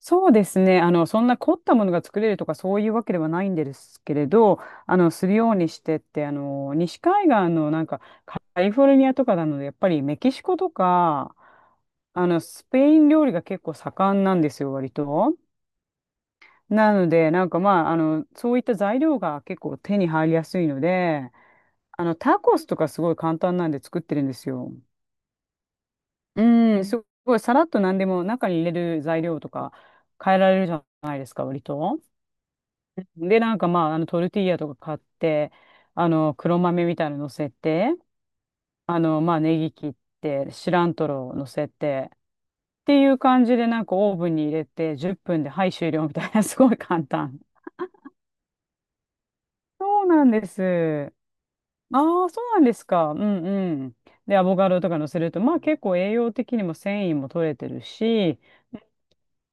そうですね。そんな凝ったものが作れるとかそういうわけではないんですけれど、するようにしてって、西海岸のなんかカリフォルニアとかなので、やっぱりメキシコとか、スペイン料理が結構盛んなんですよ、割と。なので、なんかまあ、そういった材料が結構手に入りやすいので、タコスとかすごい簡単なんで作ってるんですよ。うん、すごいさらっと何でも中に入れる材料とか変えられるじゃないですか、割と。で、なんかまあ、トルティーヤとか買って、黒豆みたいなの乗せて、まあ、ネギ切って、シラントロを乗せて、っていう感じで、なんかオーブンに入れて、10分で、はい、終了みたいな すごい簡単。そうなんです。ああ、そうなんですか。うんうん。で、アボカドとか乗せると、まあ結構栄養的にも繊維も取れてるし、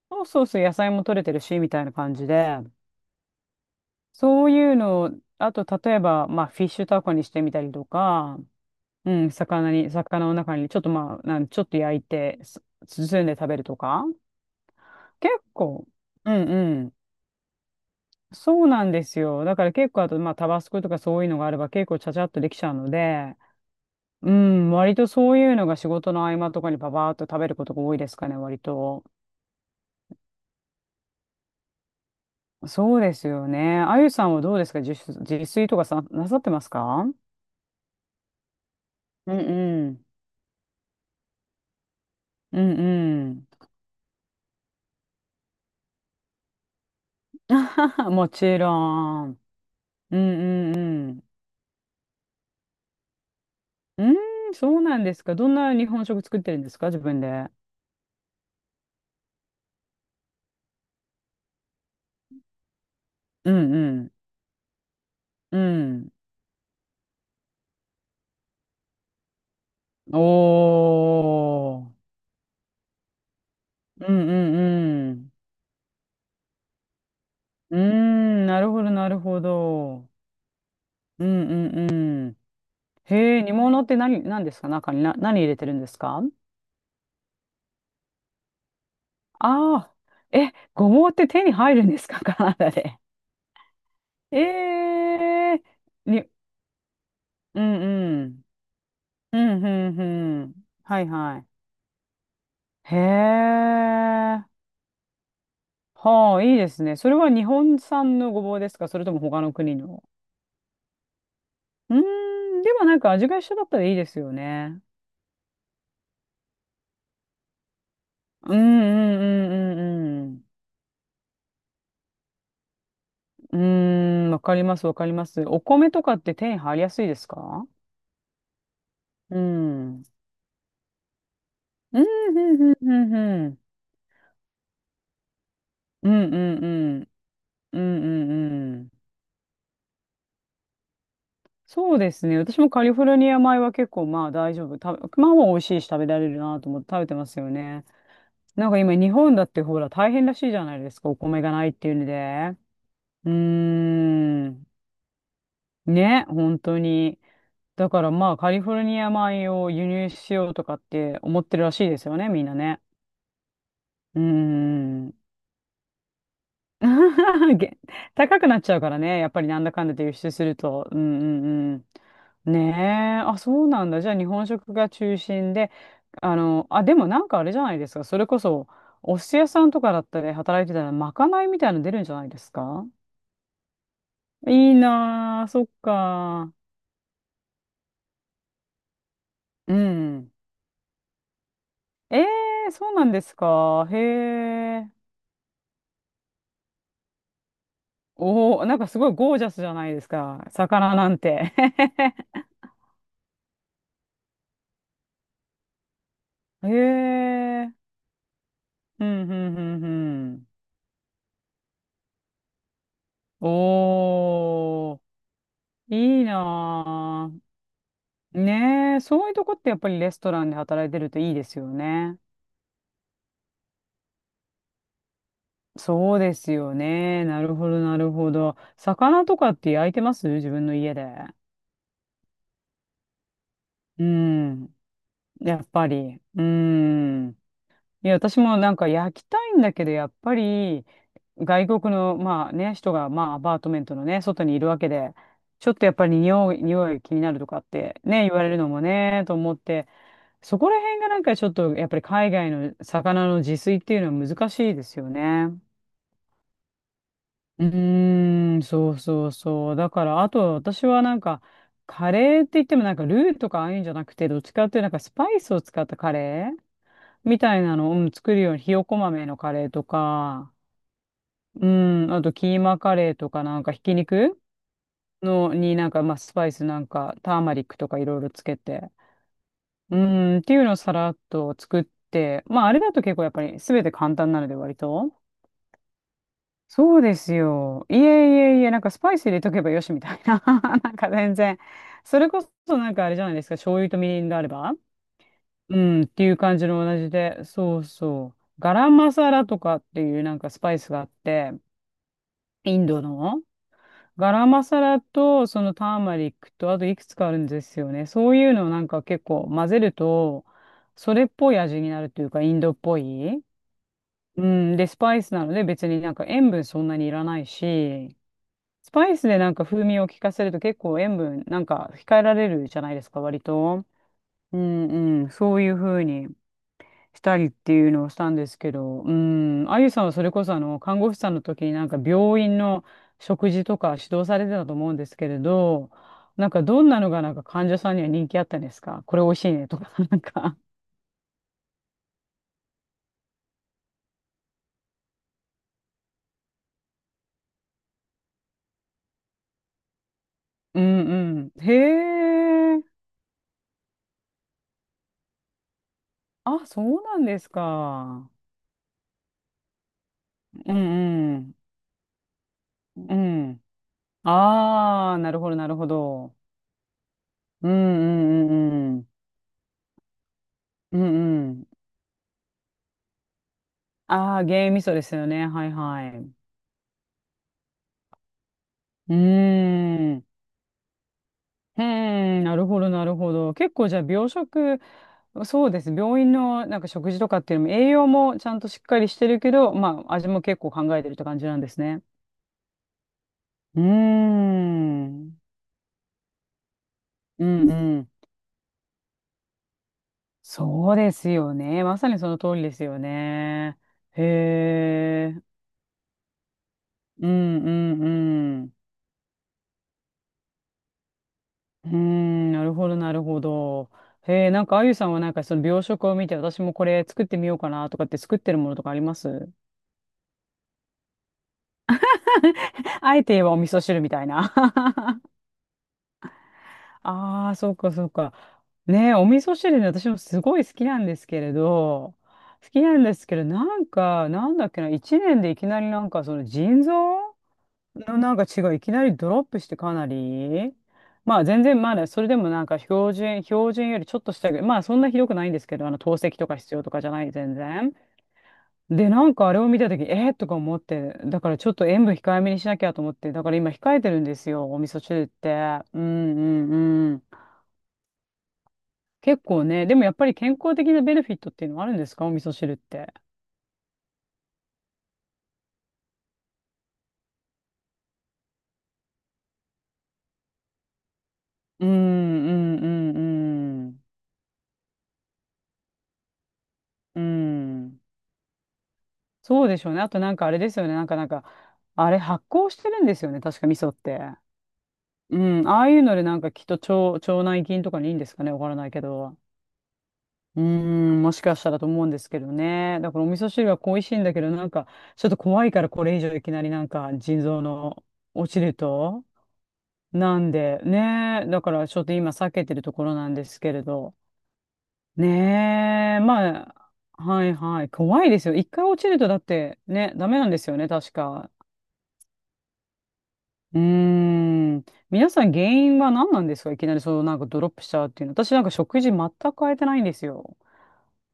そうそうそう、野菜も取れてるし、みたいな感じで、そういうのを、あと、例えば、まあ、フィッシュタコにしてみたりとか、うん、魚の中に、ちょっとまあ、ちょっと焼いて、す包んで食べるとか。結構、うんうん。そうなんですよ。だから結構、あと、まあ、タバスコとかそういうのがあれば結構ちゃちゃっとできちゃうので、うん、割とそういうのが仕事の合間とかにパパーっと食べることが多いですかね、割と。そうですよね。あゆさんはどうですか？自炊とかさ、なさってますか？うんうん。うんうん。もちろん。うんうんうん。うーん、そうなんですか。どんな日本食作ってるんですか、自分で？うんうん。うん。おー。うんうんうん。うーん、なるほど、なるほど。うんうんうん。へえ、煮物って何ですか？中に何入れてるんですか？ああー。え、ごぼうって手に入るんですか、カナダ で？ええー。に、うんうん。うんうんうん。はいはい。へえ。はあ、いいですね。それは日本産のごぼうですか？それとも他の国の？うーん、でもなんか味が一緒だったらいいですよね。うんうんうんうんうん。うーん、わかりますわかります。お米とかって手に入りやすいですか？うん。うんうんうんうんうん。うんうんうん。うんうんうん。そうですね。私もカリフォルニア米は結構まあ大丈夫。まあまあ美味しいし食べられるなと思って食べてますよね。なんか今日本だってほら大変らしいじゃないですか、お米がないっていうので。うーん。ね、本当に。だからまあカリフォルニア米を輸入しようとかって思ってるらしいですよね、みんなね。うーん。げ高くなっちゃうからね。やっぱりなんだかんだで輸出すると。うんうんうん。ねえ。あ、そうなんだ。じゃあ日本食が中心で。あ、でもなんかあれじゃないですか。それこそ、お寿司屋さんとかだったり働いてたら、まかないみたいなの出るんじゃないですか？いいなあ、そっか。うん。ええ、そうなんですか。へえ。おお、なんかすごいゴージャスじゃないですか、魚なんて。へえ。うん、うん、うん、うん。おー、いいなぁ。ねえ、そういうとこってやっぱりレストランで働いてるといいですよね。そうですよね。なるほど、なるほど。魚とかって焼いてます、自分の家で？うん。やっぱり。うん。いや、私もなんか焼きたいんだけど、やっぱり外国の、まあね、人が、まあアパートメントのね、外にいるわけで、ちょっとやっぱり匂い気になるとかってね、言われるのもね、と思って、そこら辺がなんかちょっとやっぱり海外の魚の自炊っていうのは難しいですよね。うーん、そうそうそう。だからあと私はなんかカレーって言ってもなんかルーとかああいうんじゃなくてどっちかっていうとなんかスパイスを使ったカレーみたいなのを、うん、作るようにひよこ豆のカレーとか、うん、あとキーマカレーとかなんかひき肉のになんかまあスパイスなんかターマリックとかいろいろつけて。うん、っていうのをさらっと作って、まああれだと結構やっぱり全て簡単なので割と。そうですよ。いえいえいえ、なんかスパイス入れとけばよしみたいな。なんか全然。それこそなんかあれじゃないですか。醤油とみりんがあれば。うん、っていう感じの同じで。そうそう。ガラムマサラとかっていうなんかスパイスがあって、インドの。ガラマサラと、そのターマリックと、あといくつかあるんですよね。そういうのをなんか結構混ぜると、それっぽい味になるというか、インドっぽい。うん。で、スパイスなので別になんか塩分そんなにいらないし、スパイスでなんか風味を効かせると結構塩分なんか控えられるじゃないですか、割と。うんうん。そういう風に。したりっていうのをしたんですけど、うん、あゆさんはそれこそあの看護師さんの時になんか病院の食事とか指導されてたと思うんですけれど、なんかどんなのがなんか患者さんには人気あったんですか？これ美味しいねとか、なんか。うんうん。へえ。あ、そうなんですか。うんうん。うん。ああ、なるほど、なるほど。うんうんうんうん。うんうん。ああ、原味味噌ですよね。はいはい。うーん。うーん、なるほど、なるほど。結構じゃあ、病食、そうです。病院のなんか食事とかっていうのも、栄養もちゃんとしっかりしてるけど、まあ、味も結構考えてるって感じなんですね。うーん。うんうん。そうですよね。まさにその通りですよね。へえ。うんうんうん。うーん、なるほど、なるほど。へえ、なんかあゆさんはなんかその病食を見て、私もこれ作ってみようかなとかって作ってるものとかあります？ あえて言えばお味噌汁みたいな。ああ、そうか、そうか。ね、お味噌汁ね、私もすごい好きなんですけれど、好きなんですけど、なんか、なんだっけな、一年でいきなりなんか、その腎臓のなんか血がいきなりドロップしてかなり、まあ全然まだそれでもなんか標準よりちょっとしたぐらい、まあそんなひどくないんですけど、あの透析とか必要とかじゃない、全然。で、なんかあれを見たとき、えー、とか思って、だからちょっと塩分控えめにしなきゃと思って、だから今控えてるんですよ、お味噌汁って。うんうんうん。結構ね、でもやっぱり健康的なベネフィットっていうのはあるんですか、お味噌汁って？うん、うん、うん、うん。うん。そうでしょうね。あとなんかあれですよね。なんか、あれ発酵してるんですよね。確か味噌って。うん。ああいうのでなんかきっと腸内菌とかにいいんですかね。わからないけど。うん。もしかしたらと思うんですけどね。だからお味噌汁は恋しいんだけど、なんかちょっと怖いから、これ以上いきなりなんか腎臓の落ちると、なんで、ねえ、だからちょっと今避けてるところなんですけれど。ねえ、まあ、はいはい、怖いですよ。一回落ちるとだってね、ダメなんですよね、確か。うーん。皆さん原因は何なんですか、いきなりそう、なんかドロップしちゃうっていうの？私なんか食事全く変えてないんですよ。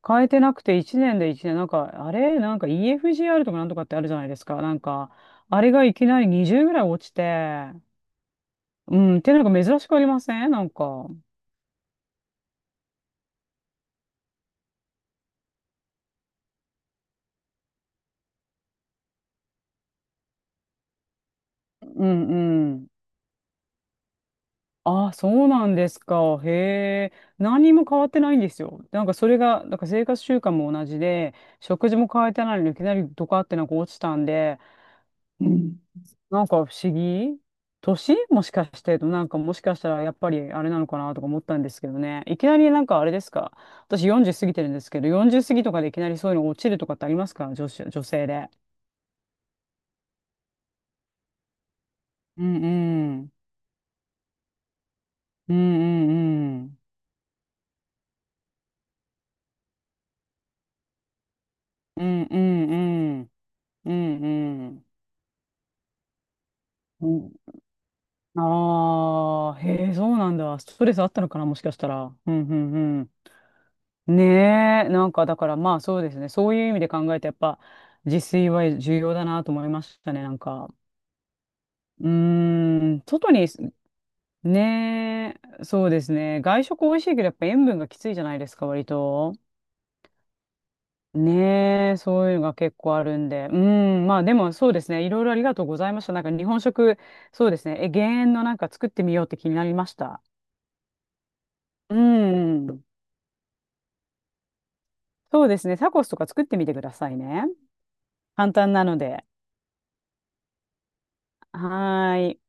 変えてなくて1年、なんか、あれなんか EFGR とかなんとかってあるじゃないですか。なんか、あれがいきなり20ぐらい落ちて、うん、ってなんか珍しくありませんなんか？うんうん。あ、そうなんですか。へえ。何にも変わってないんですよ。なんかそれが、なんか生活習慣も同じで、食事も変えてないのにいきなりドカってなんか落ちたんで、うん。なんか不思議、年もしかして、なんかもしかしたらやっぱりあれなのかなとか思ったんですけどね。いきなりなんかあれですか？私40過ぎてるんですけど、40過ぎとかでいきなりそういうの落ちるとかってありますか、女性で。うんうん。うんうんうん。うんうんうん。うんうん。うん。ああ、へえ、そうなんだ。ストレスあったのかな、もしかしたら。うん、うん、うん。ねえ、なんかだからまあそうですね。そういう意味で考えて、やっぱ自炊は重要だなと思いましたね、なんか。うーん、外に、ねえ、そうですね。外食美味しいけど、やっぱ塩分がきついじゃないですか、割と。ねえ、そういうのが結構あるんで。うん、まあでもそうですね。いろいろありがとうございました。なんか日本食、そうですね。え、減塩のなんか作ってみようって気になりました。うん。そうですね。タコスとか作ってみてくださいね。簡単なので。はーい。